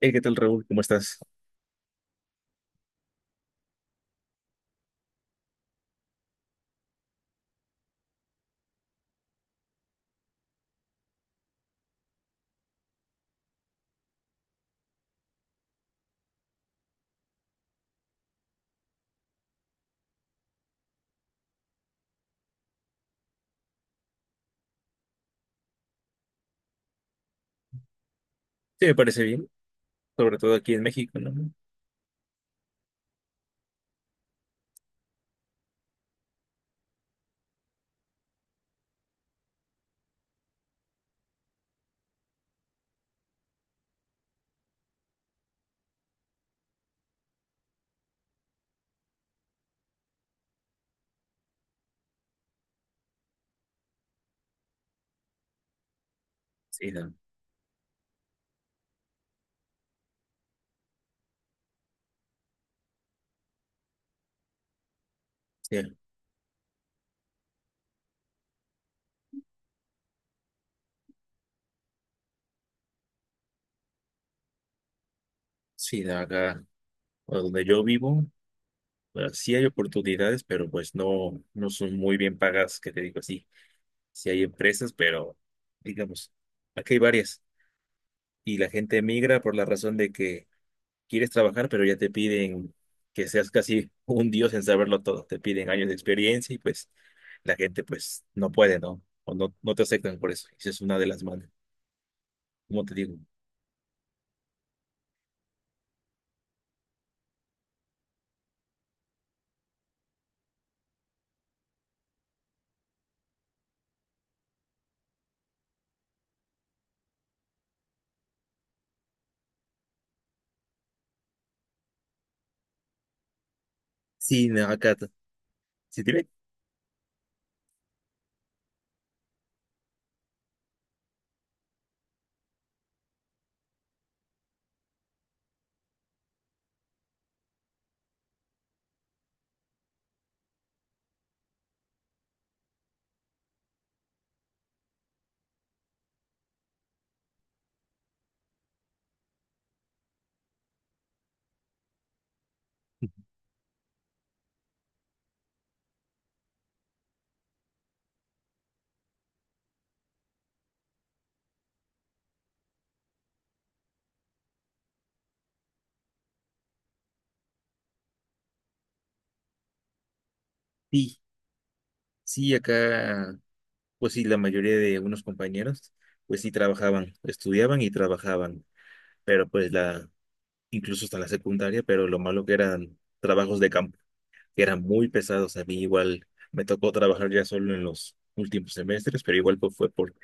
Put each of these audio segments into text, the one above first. Hey, ¿qué tal, Raúl? ¿Cómo estás? Sí, me parece bien, sobre todo aquí en México, ¿no? Sí, da, sí, sí, da acá o donde yo vivo, pues sí hay oportunidades, pero pues no, no son muy bien pagas, que te digo así. Sí hay empresas, pero digamos, aquí hay varias y la gente emigra por la razón de que quieres trabajar, pero ya te piden que seas casi un dios en saberlo todo. Te piden años de experiencia y pues la gente pues no puede, ¿no? O no, no te aceptan por eso. Esa es una de las malas, como te digo. Sí, no, acá, si te ve, sí, sí, acá, pues sí, la mayoría de unos compañeros, pues sí trabajaban, estudiaban y trabajaban, pero pues incluso hasta la secundaria, pero lo malo que eran trabajos de campo, que eran muy pesados. A mí igual me tocó trabajar ya solo en los últimos semestres, pero igual pues fue por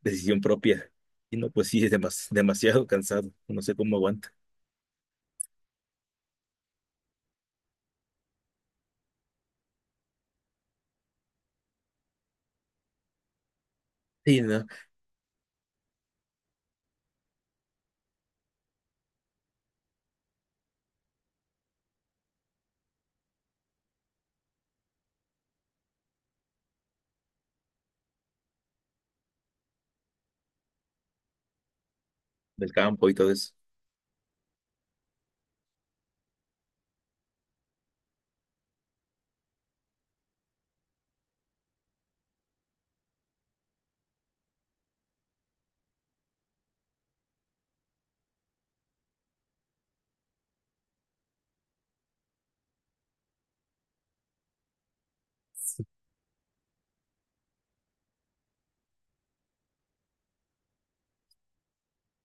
decisión propia, y no, pues sí, es demasiado cansado, no sé cómo aguanta, sí, no, del campo y todo eso,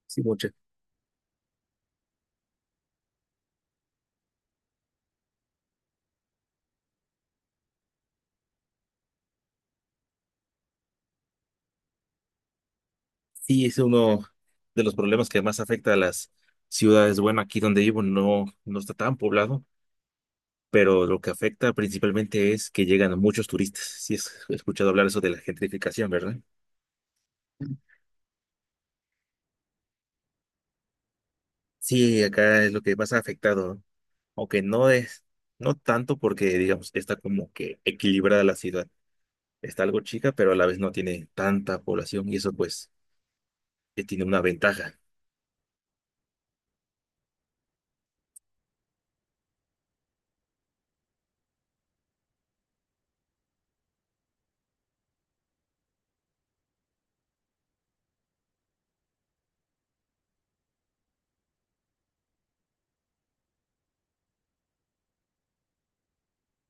sí, mucho. Sí, es uno de los problemas que más afecta a las ciudades. Bueno, aquí donde vivo no, no está tan poblado, pero lo que afecta principalmente es que llegan muchos turistas. Sí, has escuchado hablar eso de la gentrificación, ¿verdad? Sí, acá es lo que más ha afectado, ¿no? Aunque no es, no tanto porque, digamos, está como que equilibrada la ciudad. Está algo chica, pero a la vez no tiene tanta población y eso pues tiene una ventaja.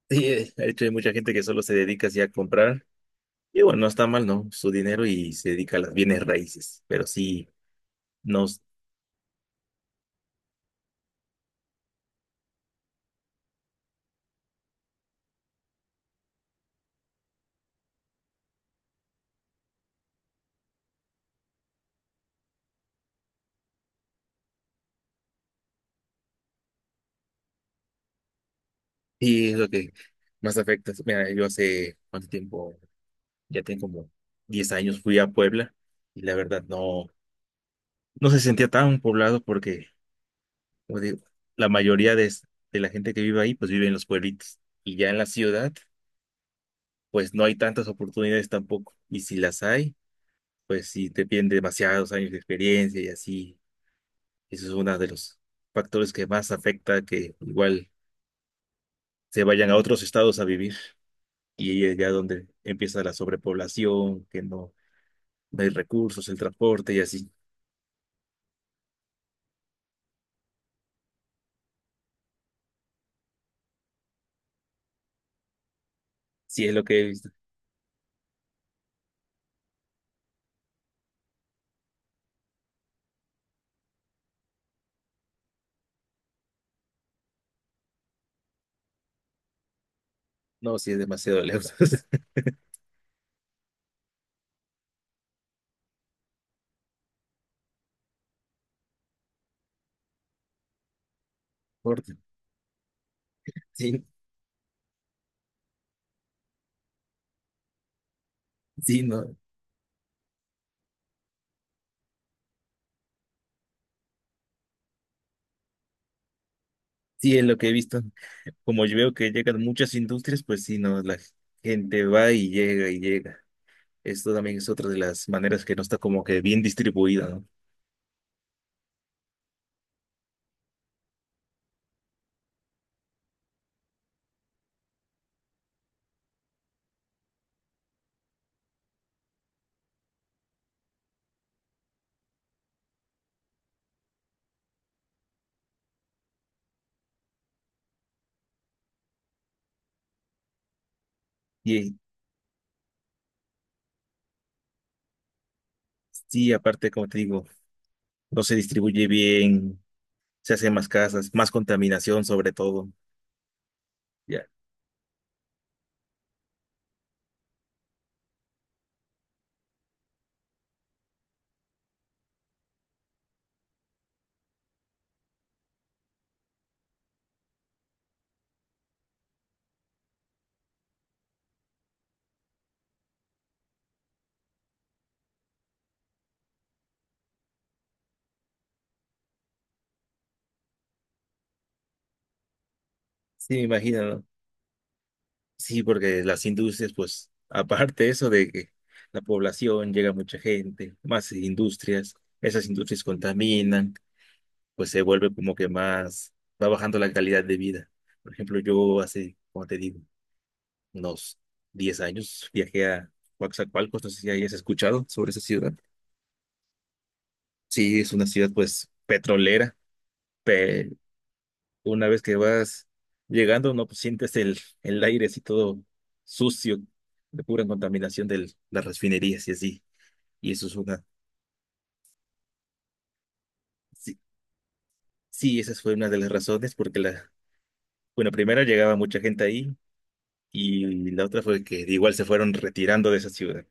Sí, de hecho hay mucha gente que solo se dedica así a comprar. Y bueno, no está mal, ¿no? Su dinero y se dedica a las bienes raíces, pero sí, nos, sí es lo que más afecta. Mira, yo hace cuánto tiempo, ya tengo como 10 años, fui a Puebla y la verdad no, no se sentía tan poblado porque, como digo, la mayoría de, es- de la gente que vive ahí, pues vive en los pueblitos. Y ya en la ciudad, pues no hay tantas oportunidades tampoco. Y si las hay, pues sí te piden demasiados años de experiencia y así. Eso es uno de los factores que más afecta que igual se vayan a otros estados a vivir. Y ahí es ya donde empieza la sobrepoblación, que no, no hay recursos, el transporte y así. Sí es lo que he visto. No, sí es demasiado lejos el transporte. Sí, sí, no. Sí es lo que he visto. Como yo veo que llegan muchas industrias, pues sí, no, la gente va y llega y llega. Esto también es otra de las maneras que no está como que bien distribuida, ¿no? Y sí, aparte, como te digo, no se distribuye bien, se hacen más casas, más contaminación sobre todo. Ya, sí, me imagino, ¿no? Sí, porque las industrias, pues, aparte eso de que la población llega mucha gente, más industrias, esas industrias contaminan, pues se vuelve como que más, va bajando la calidad de vida. Por ejemplo, yo hace, como te digo, unos 10 años viajé a Coatzacoalcos, no sé si hayas escuchado sobre esa ciudad. Sí, es una ciudad, pues, petrolera. Una vez que vas llegando, no, pues sientes el aire así todo sucio, de pura contaminación de las refinerías y así. Y eso es una, sí, sí, esa fue una de las razones porque la, bueno, primero llegaba mucha gente ahí y la otra fue que igual se fueron retirando de esa ciudad.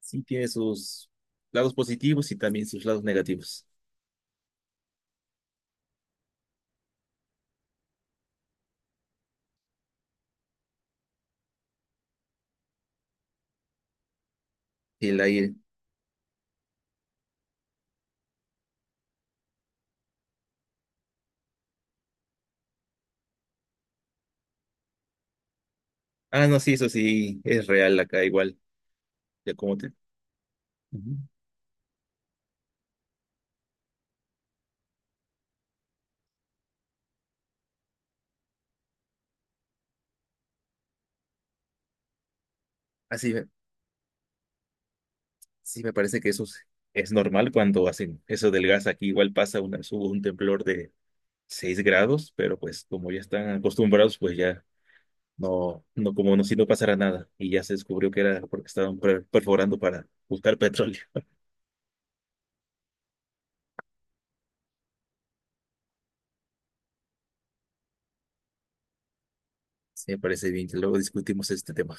Sí tiene sus lados positivos y también sus lados negativos. El aire. Ah, no, sí, eso sí, es real acá igual, de cómo te... Ujú. Así, sí, me parece que eso es normal cuando hacen eso del gas. Aquí igual pasa una, hubo un temblor de 6 grados, pero pues como ya están acostumbrados, pues ya no, no como no si no pasara nada. Y ya se descubrió que era porque estaban perforando para buscar petróleo. Sí, me parece bien que luego discutimos este tema.